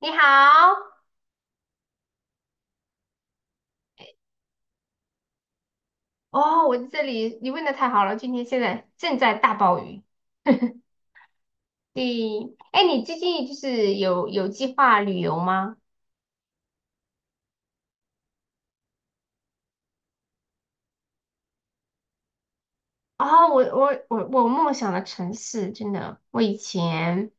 你好，哦，我在这里，你问的太好了，今天现在正在大暴雨。对，哎，你最近就是有计划旅游吗？哦，我梦想的城市，真的，我以前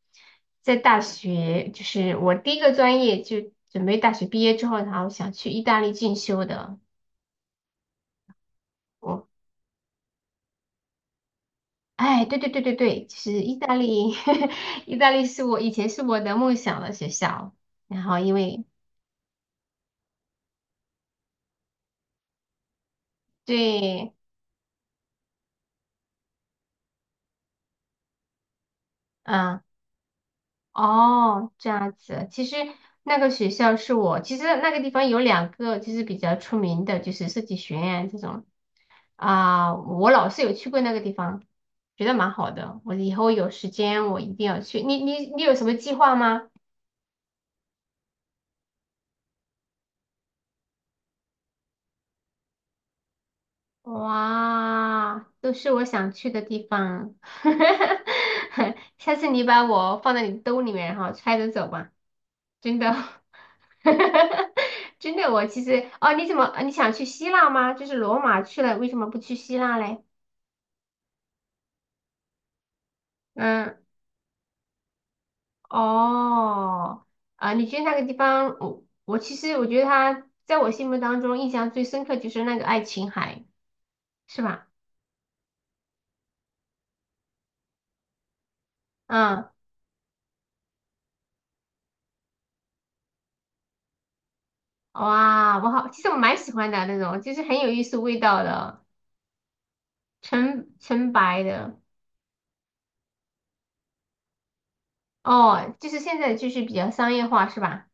在大学，就是我第一个专业就准备大学毕业之后，然后想去意大利进修的。我，哎，对对对对对，就是意大利，意大利是我以前是我的梦想的学校，然后因为对。嗯，哦，这样子。其实那个学校是我，其实那个地方有两个就是比较出名的，就是设计学院这种啊、我老是有去过那个地方，觉得蛮好的。我以后有时间我一定要去。你有什么计划吗？哇，都是我想去的地方。下次你把我放在你兜里面，然后揣着走吧，真的。真的，我其实哦，你怎么呃你想去希腊吗？就是罗马去了，为什么不去希腊嘞？嗯，哦，啊，你觉得那个地方，我其实我觉得它在我心目当中印象最深刻就是那个爱琴海，是吧？嗯，哇，我好，其实我蛮喜欢的那种，就是很有艺术味道的，纯纯白的。哦，就是现在就是比较商业化，是吧？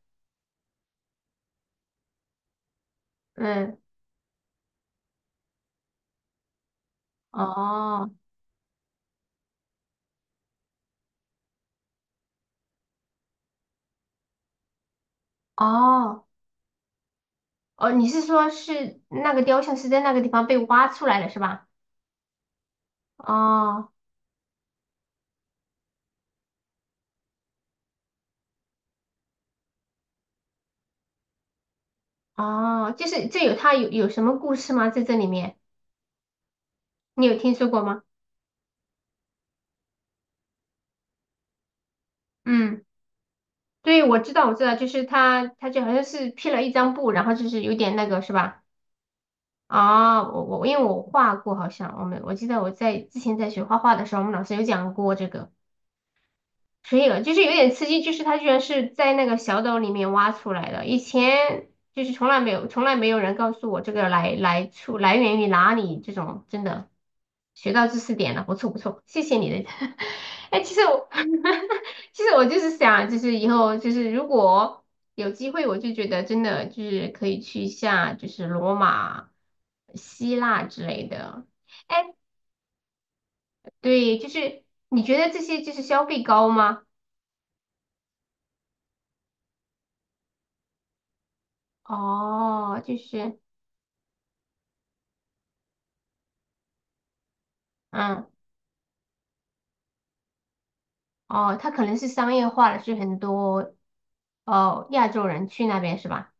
嗯，哦哦。哦，你是说是那个雕像是在那个地方被挖出来的是吧？哦哦，就是这有它有什么故事吗？在这里面，你有听说过吗？嗯，对，我知道我知道，就是他就好像是披了一张布，然后就是有点那个是吧？啊、我因为我画过，好像我记得我在之前在学画画的时候，我们老师有讲过这个。可以了，就是有点刺激，就是它居然是在那个小岛里面挖出来的，以前就是从来没有人告诉我这个来源于哪里，这种真的学到知识点了，不错不错，谢谢你的。哎，其实我就是想，就是以后就是如果有机会，我就觉得真的就是可以去一下，就是罗马、希腊之类的。哎，对，就是你觉得这些就是消费高吗？哦，就是。嗯，哦，它可能是商业化了，是很多哦亚洲人去那边是吧？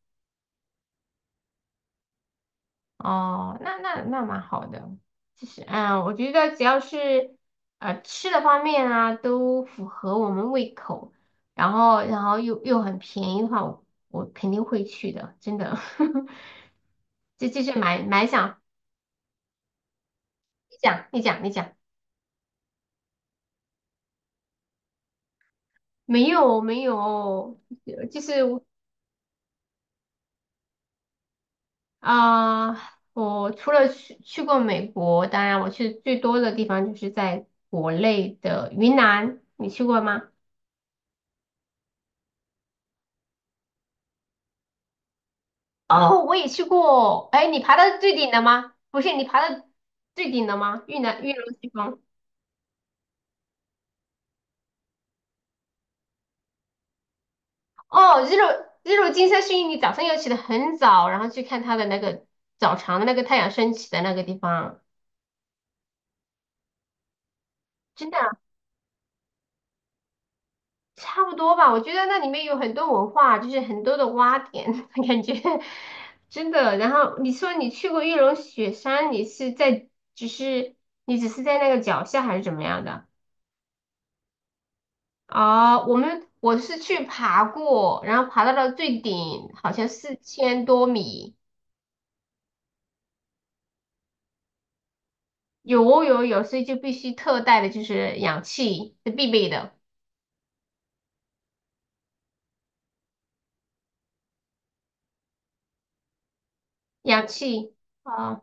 哦，那蛮好的。其实，嗯，我觉得只要是吃的方面啊，都符合我们胃口，然后又很便宜的话，我肯定会去的，真的。这就是蛮想，你讲，你讲，你讲，没有没有，就是啊、我除了去过美国，当然我去最多的地方就是在国内的云南，你去过吗？哦，我也去过。哎，你爬到最顶了吗？不是，你爬到最顶了吗？玉龙雪峰。哦，日落金山是因为你早上要起得很早，然后去看它的那个早晨的那个太阳升起的那个地方，真的。差不多吧，我觉得那里面有很多文化，就是很多的挖点，感觉真的。然后你说你去过玉龙雪山，你是在只是你只是在那个脚下还是怎么样的？哦，我是去爬过，然后爬到了最顶，好像4000多米，有哦有哦有，所以就必须特带的就是氧气是必备的，氧气。啊。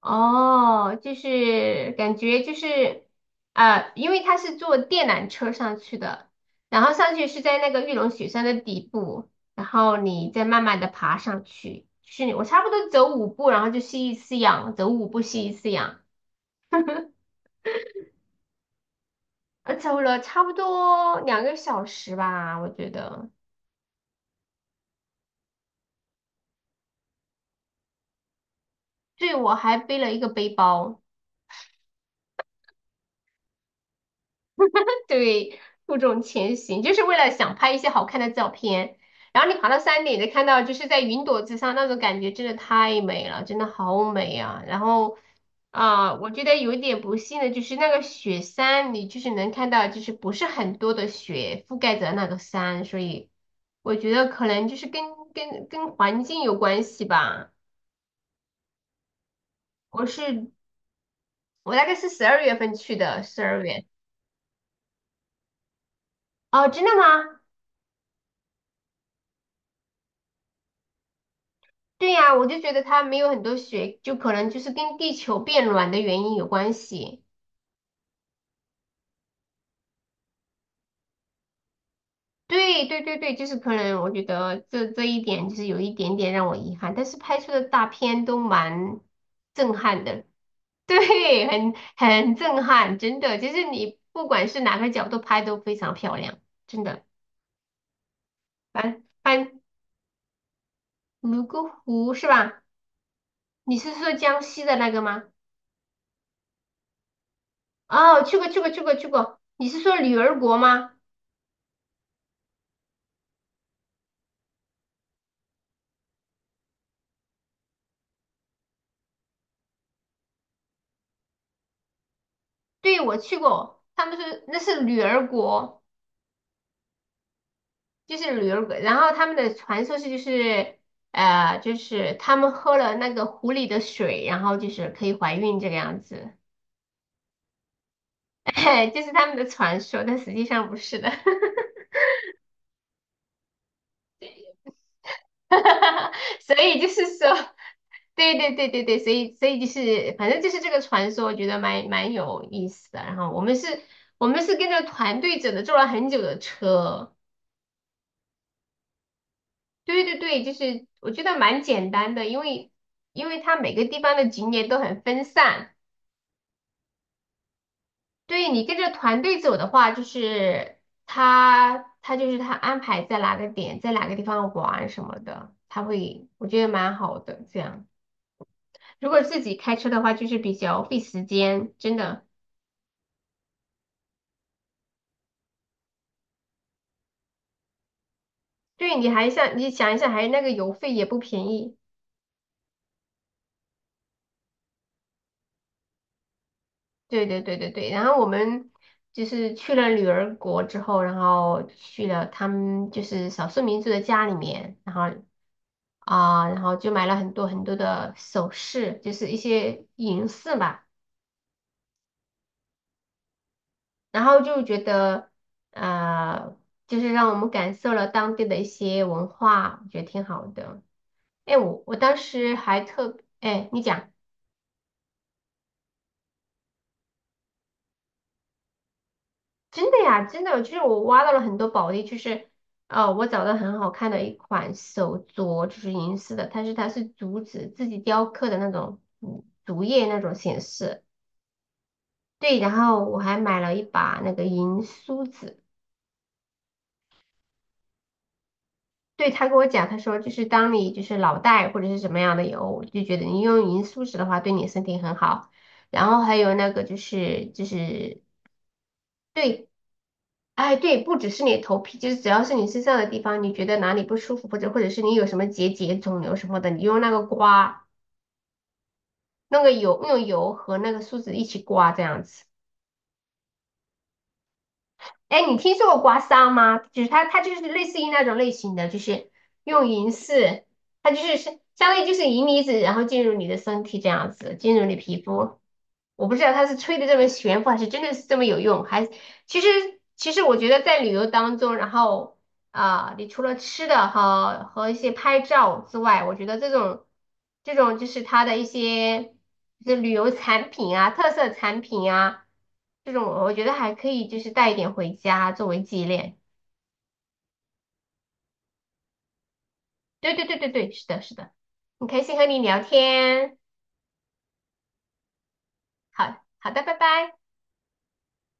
哦，就是感觉就是，啊，因为他是坐电缆车上去的，然后上去是在那个玉龙雪山的底部，然后你再慢慢的爬上去，是我差不多走五步，然后就吸一次氧，走五步吸一次氧，走了差不多2个小时吧，我觉得。对，我还背了一个背包。对，负重前行，就是为了想拍一些好看的照片。然后你爬到山顶，就看到就是在云朵之上那种感觉，真的太美了，真的好美啊！然后啊、我觉得有一点不幸的就是那个雪山，你就是能看到就是不是很多的雪覆盖着那个山，所以我觉得可能就是跟环境有关系吧。我是我大概是12月份去的，十二月。哦，真的吗？对呀，我就觉得它没有很多雪，就可能就是跟地球变暖的原因有关系。对对对对，就是可能我觉得这一点就是有一点点让我遗憾，但是拍出的大片都蛮震撼的，对，很震撼，真的，就是你不管是哪个角度拍都非常漂亮，真的。反反泸沽湖是吧？你是说江西的那个吗？哦，去过去过去过去过，你是说女儿国吗？对，我去过，他们说那是女儿国，就是女儿国。然后他们的传说是就是，就是他们喝了那个湖里的水，然后就是可以怀孕这个样子，就是他们的传说，但实际上不是的。所以就是说，对对对对对，所以就是反正就是这个传说，我觉得蛮有意思的。然后我们是跟着团队走的，坐了很久的车。对对对，就是我觉得蛮简单的，因为它每个地方的景点都很分散。对你跟着团队走的话，就是他就是他安排在哪个点，在哪个地方玩什么的，他会我觉得蛮好的。这样如果自己开车的话，就是比较费时间，真的。对，你想一想，还有那个油费也不便宜。对对对对对，然后我们就是去了女儿国之后，然后去了他们就是少数民族的家里面，然后就买了很多很多的首饰，就是一些银饰吧，然后就觉得呃，就是让我们感受了当地的一些文化，我觉得挺好的。哎，我当时还特，哎，你讲。真的呀，真的，就是我挖到了很多宝地，就是我找到很好看的一款手镯，就是银饰的，但是它是竹子自己雕刻的那种，嗯，竹叶那种形式。对，然后我还买了一把那个银梳子。对，他跟我讲，他说就是当你就是脑袋或者是什么样的油，就觉得你用银梳子的话对你身体很好。然后还有那个就是。对。哎，对，不只是你的头皮，就是只要是你身上的地方，你觉得哪里不舒服，或者是你有什么结节、肿瘤什么的，你用那个刮，那个油，用油和那个梳子一起刮，这样子。哎，你听说过刮痧吗？就是它就是类似于那种类型的，就是用银饰，它就是相当于就是银离子，然后进入你的身体这样子，进入你皮肤。我不知道它是吹的这么玄乎，还是真的是这么有用，还其实其实我觉得在旅游当中，然后。啊，你除了吃的和一些拍照之外，我觉得这种就是它的一些就是旅游产品啊、特色产品啊，这种我觉得还可以，就是带一点回家作为纪念。对对对对对，是的，是的，很开心和你聊天。好好的，拜拜。